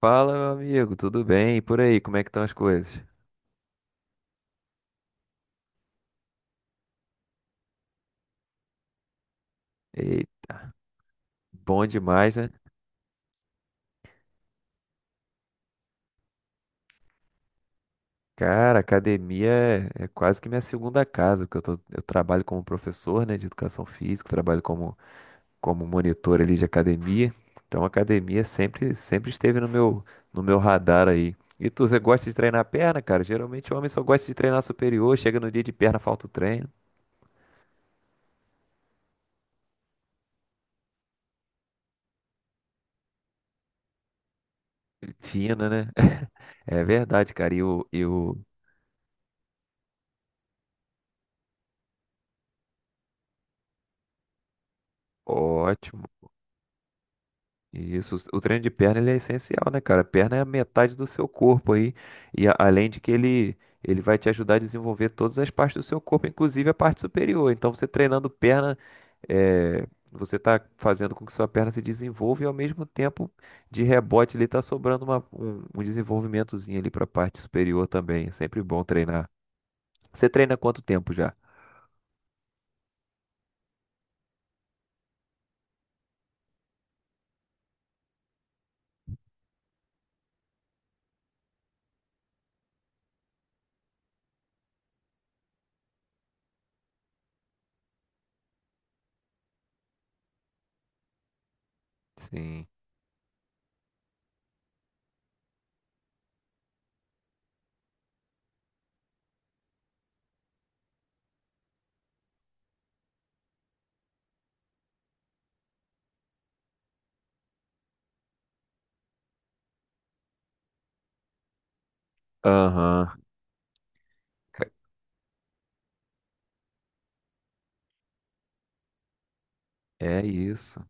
Fala, meu amigo, tudo bem? E por aí, como é que estão as coisas? E bom demais, né? Cara, academia é quase que minha segunda casa, porque eu trabalho como professor, né, de educação física, trabalho como, como monitor ali de academia. Então, academia sempre esteve no no meu radar aí. E você gosta de treinar perna, cara? Geralmente o homem só gosta de treinar superior, chega no dia de perna, falta o treino. Fina, né? É verdade, cara. Ótimo. Isso, o treino de perna ele é essencial, né, cara? Perna é a metade do seu corpo aí, além de ele vai te ajudar a desenvolver todas as partes do seu corpo, inclusive a parte superior. Então, você treinando perna, é, você está fazendo com que sua perna se desenvolva e, ao mesmo tempo, de rebote, ele está sobrando um desenvolvimentozinho ali para a parte superior também. É sempre bom treinar. Você treina há quanto tempo já? Sim. Aham. Ca- É isso.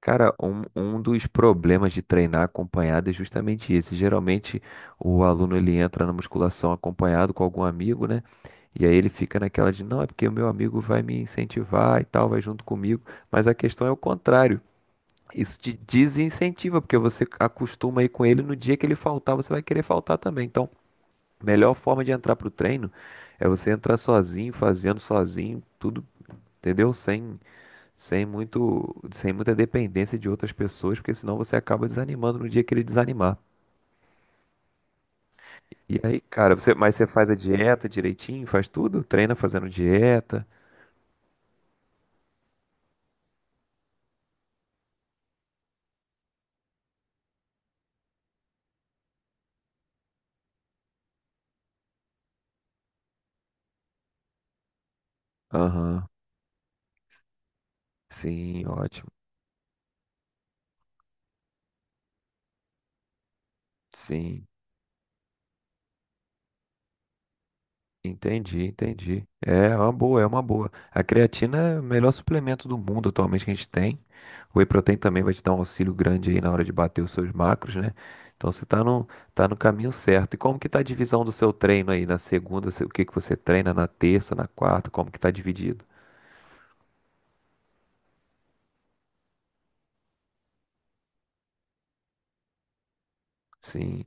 Cara, um dos problemas de treinar acompanhado é justamente esse. Geralmente o aluno ele entra na musculação acompanhado com algum amigo, né? E aí ele fica naquela de, não, é porque o meu amigo vai me incentivar e tal, vai junto comigo. Mas a questão é o contrário. Isso te desincentiva, porque você acostuma aí com ele, no dia que ele faltar, você vai querer faltar também. Então, a melhor forma de entrar pro treino é você entrar sozinho, fazendo sozinho, tudo, entendeu? Sem muita dependência de outras pessoas, porque senão você acaba desanimando no dia que ele desanimar. E aí, cara, mas você faz a dieta direitinho, faz tudo? Treina fazendo dieta? Aham. Sim, ótimo. Sim. Entendi, entendi. É uma boa. A creatina é o melhor suplemento do mundo atualmente que a gente tem. O Whey Protein também vai te dar um auxílio grande aí na hora de bater os seus macros, né? Então você tá no caminho certo. E como que tá a divisão do seu treino aí? Na segunda, o que que você treina? Na terça, na quarta? Como que tá dividido? Sim,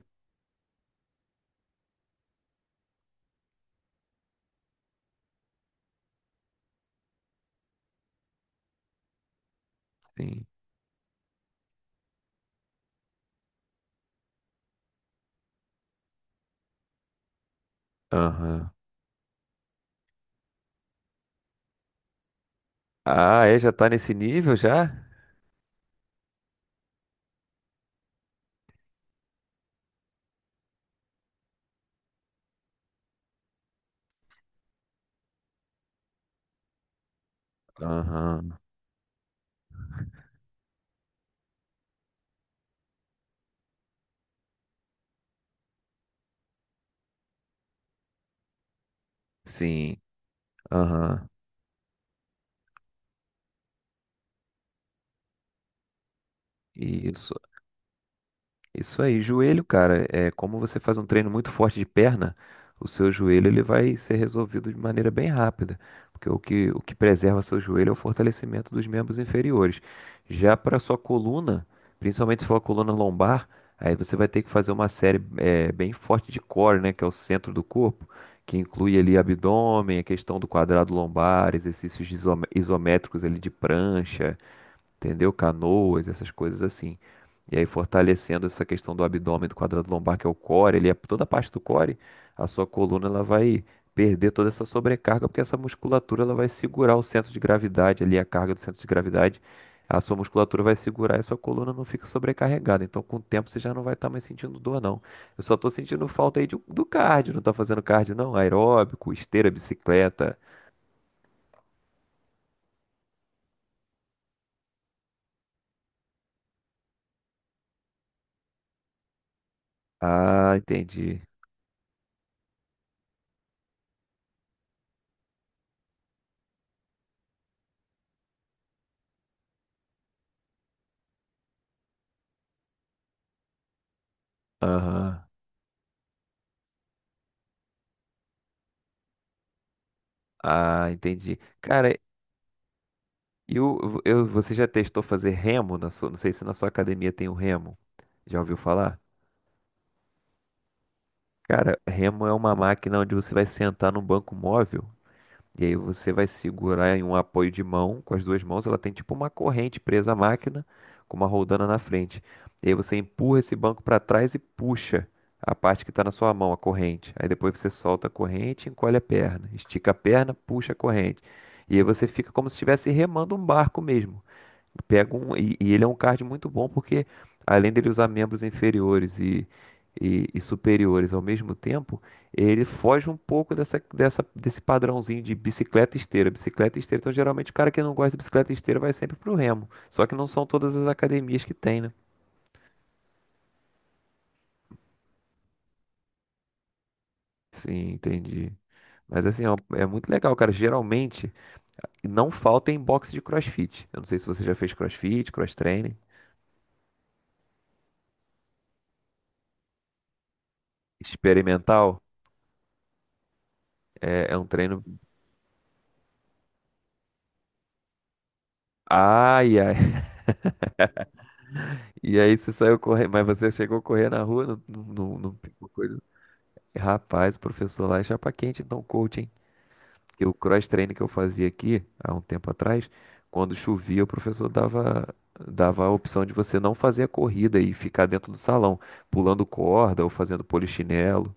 sim. Aham. Ah, é? Já tá nesse nível já? Aham. Sim. Aham. Isso. Isso aí, joelho, cara, é como você faz um treino muito forte de perna, o seu joelho ele vai ser resolvido de maneira bem rápida, porque o que preserva seu joelho é o fortalecimento dos membros inferiores. Já para sua coluna, principalmente se for a coluna lombar, aí você vai ter que fazer uma série bem forte de core, né, que é o centro do corpo, que inclui ali abdômen, a questão do quadrado lombar, exercícios de isométricos ali de prancha, entendeu? Canoas, essas coisas assim. E aí fortalecendo essa questão do abdômen, do quadrado lombar, que é o core, ele é toda a parte do core, a sua coluna ela vai perder toda essa sobrecarga, porque essa musculatura ela vai segurar o centro de gravidade ali, a carga do centro de gravidade, a sua musculatura vai segurar e a sua coluna não fica sobrecarregada. Então, com o tempo, você já não vai estar mais sentindo dor, não. Eu só tô sentindo falta aí do cardio, não tá fazendo cardio, não? Aeróbico, esteira, bicicleta. Ah, entendi. Aham. Ah, entendi. Cara, você já testou fazer remo na sua, não sei se na sua academia tem o remo. Já ouviu falar? Cara, remo é uma máquina onde você vai sentar num banco móvel e aí você vai segurar em um apoio de mão com as duas mãos. Ela tem tipo uma corrente presa à máquina com uma roldana na frente. E aí você empurra esse banco para trás e puxa a parte que está na sua mão, a corrente. Aí depois você solta a corrente, e encolhe a perna, estica a perna, puxa a corrente. E aí você fica como se estivesse remando um barco mesmo. Pega um, e ele é um card muito bom porque, além dele usar membros inferiores e superiores ao mesmo tempo, ele foge um pouco desse padrãozinho de bicicleta e esteira, bicicleta e esteira. Então, geralmente, o cara que não gosta de bicicleta e esteira vai sempre pro remo. Só que não são todas as academias que tem, né? Sim, entendi. Mas assim, ó, é muito legal, cara. Geralmente, não falta em box de CrossFit. Eu não sei se você já fez CrossFit, cross training. Experimental é um treino. Ai, ai. E aí você saiu correndo, mas você chegou a correr na rua, não pegou coisa. Rapaz, o professor lá é chapa quente, então coach, hein? E o cross training que eu fazia aqui há um tempo atrás, quando chovia, dava a opção de você não fazer a corrida e ficar dentro do salão, pulando corda ou fazendo polichinelo.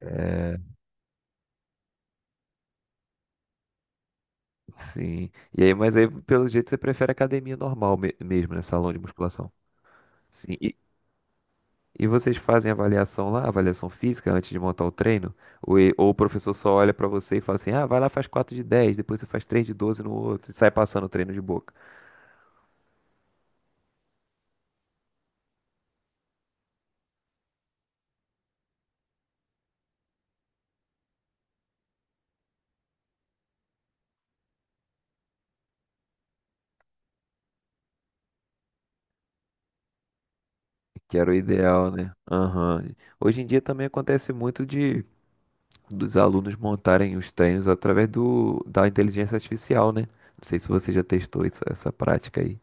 É, Sim. E aí, mas aí, pelo jeito, você prefere academia normal mesmo, né? Salão de musculação. Sim. E vocês fazem avaliação lá, avaliação física antes de montar o treino? Ou o professor só olha pra você e fala assim: ah, vai lá, faz 4 de 10, depois você faz 3 de 12 no outro, e sai passando o treino de boca. Que era o ideal, né? Aham. Hoje em dia também acontece muito de dos alunos montarem os treinos através da inteligência artificial, né? Não sei se você já testou essa prática aí.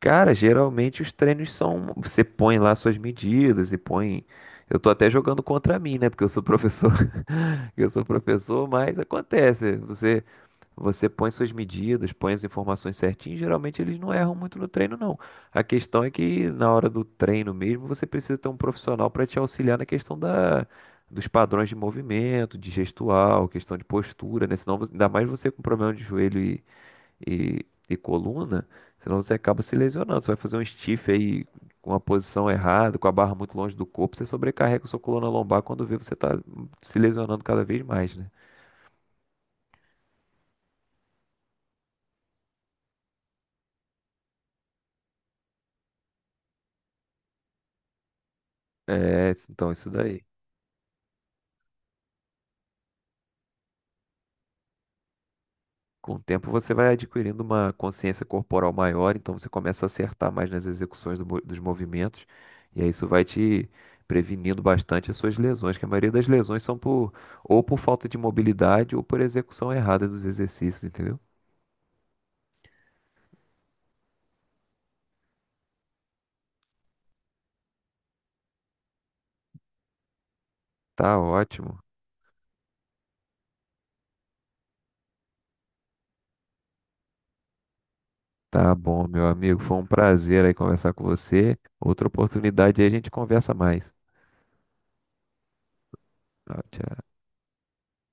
Cara, geralmente os treinos são. Você põe lá suas medidas e põe. Eu tô até jogando contra mim, né? Porque eu sou professor. Eu sou professor, mas acontece. Você põe suas medidas, põe as informações certinhas. Geralmente eles não erram muito no treino, não. A questão é que na hora do treino mesmo, você precisa ter um profissional para te auxiliar na questão dos padrões de movimento, de gestual, questão de postura, né? Senão, ainda mais você com problema de joelho e coluna, senão você acaba se lesionando. Você vai fazer um stiff aí com a posição errada, com a barra muito longe do corpo, você sobrecarrega a sua coluna lombar, quando vê você tá se lesionando cada vez mais, né? É, então isso daí. Com o tempo você vai adquirindo uma consciência corporal maior, então você começa a acertar mais nas execuções dos movimentos, e aí isso vai te prevenindo bastante as suas lesões, que a maioria das lesões são por ou por falta de mobilidade ou por execução errada dos exercícios, entendeu? Tá ótimo. Tá bom, meu amigo. Foi um prazer aí conversar com você. Outra oportunidade aí a gente conversa mais. Ah, tchau.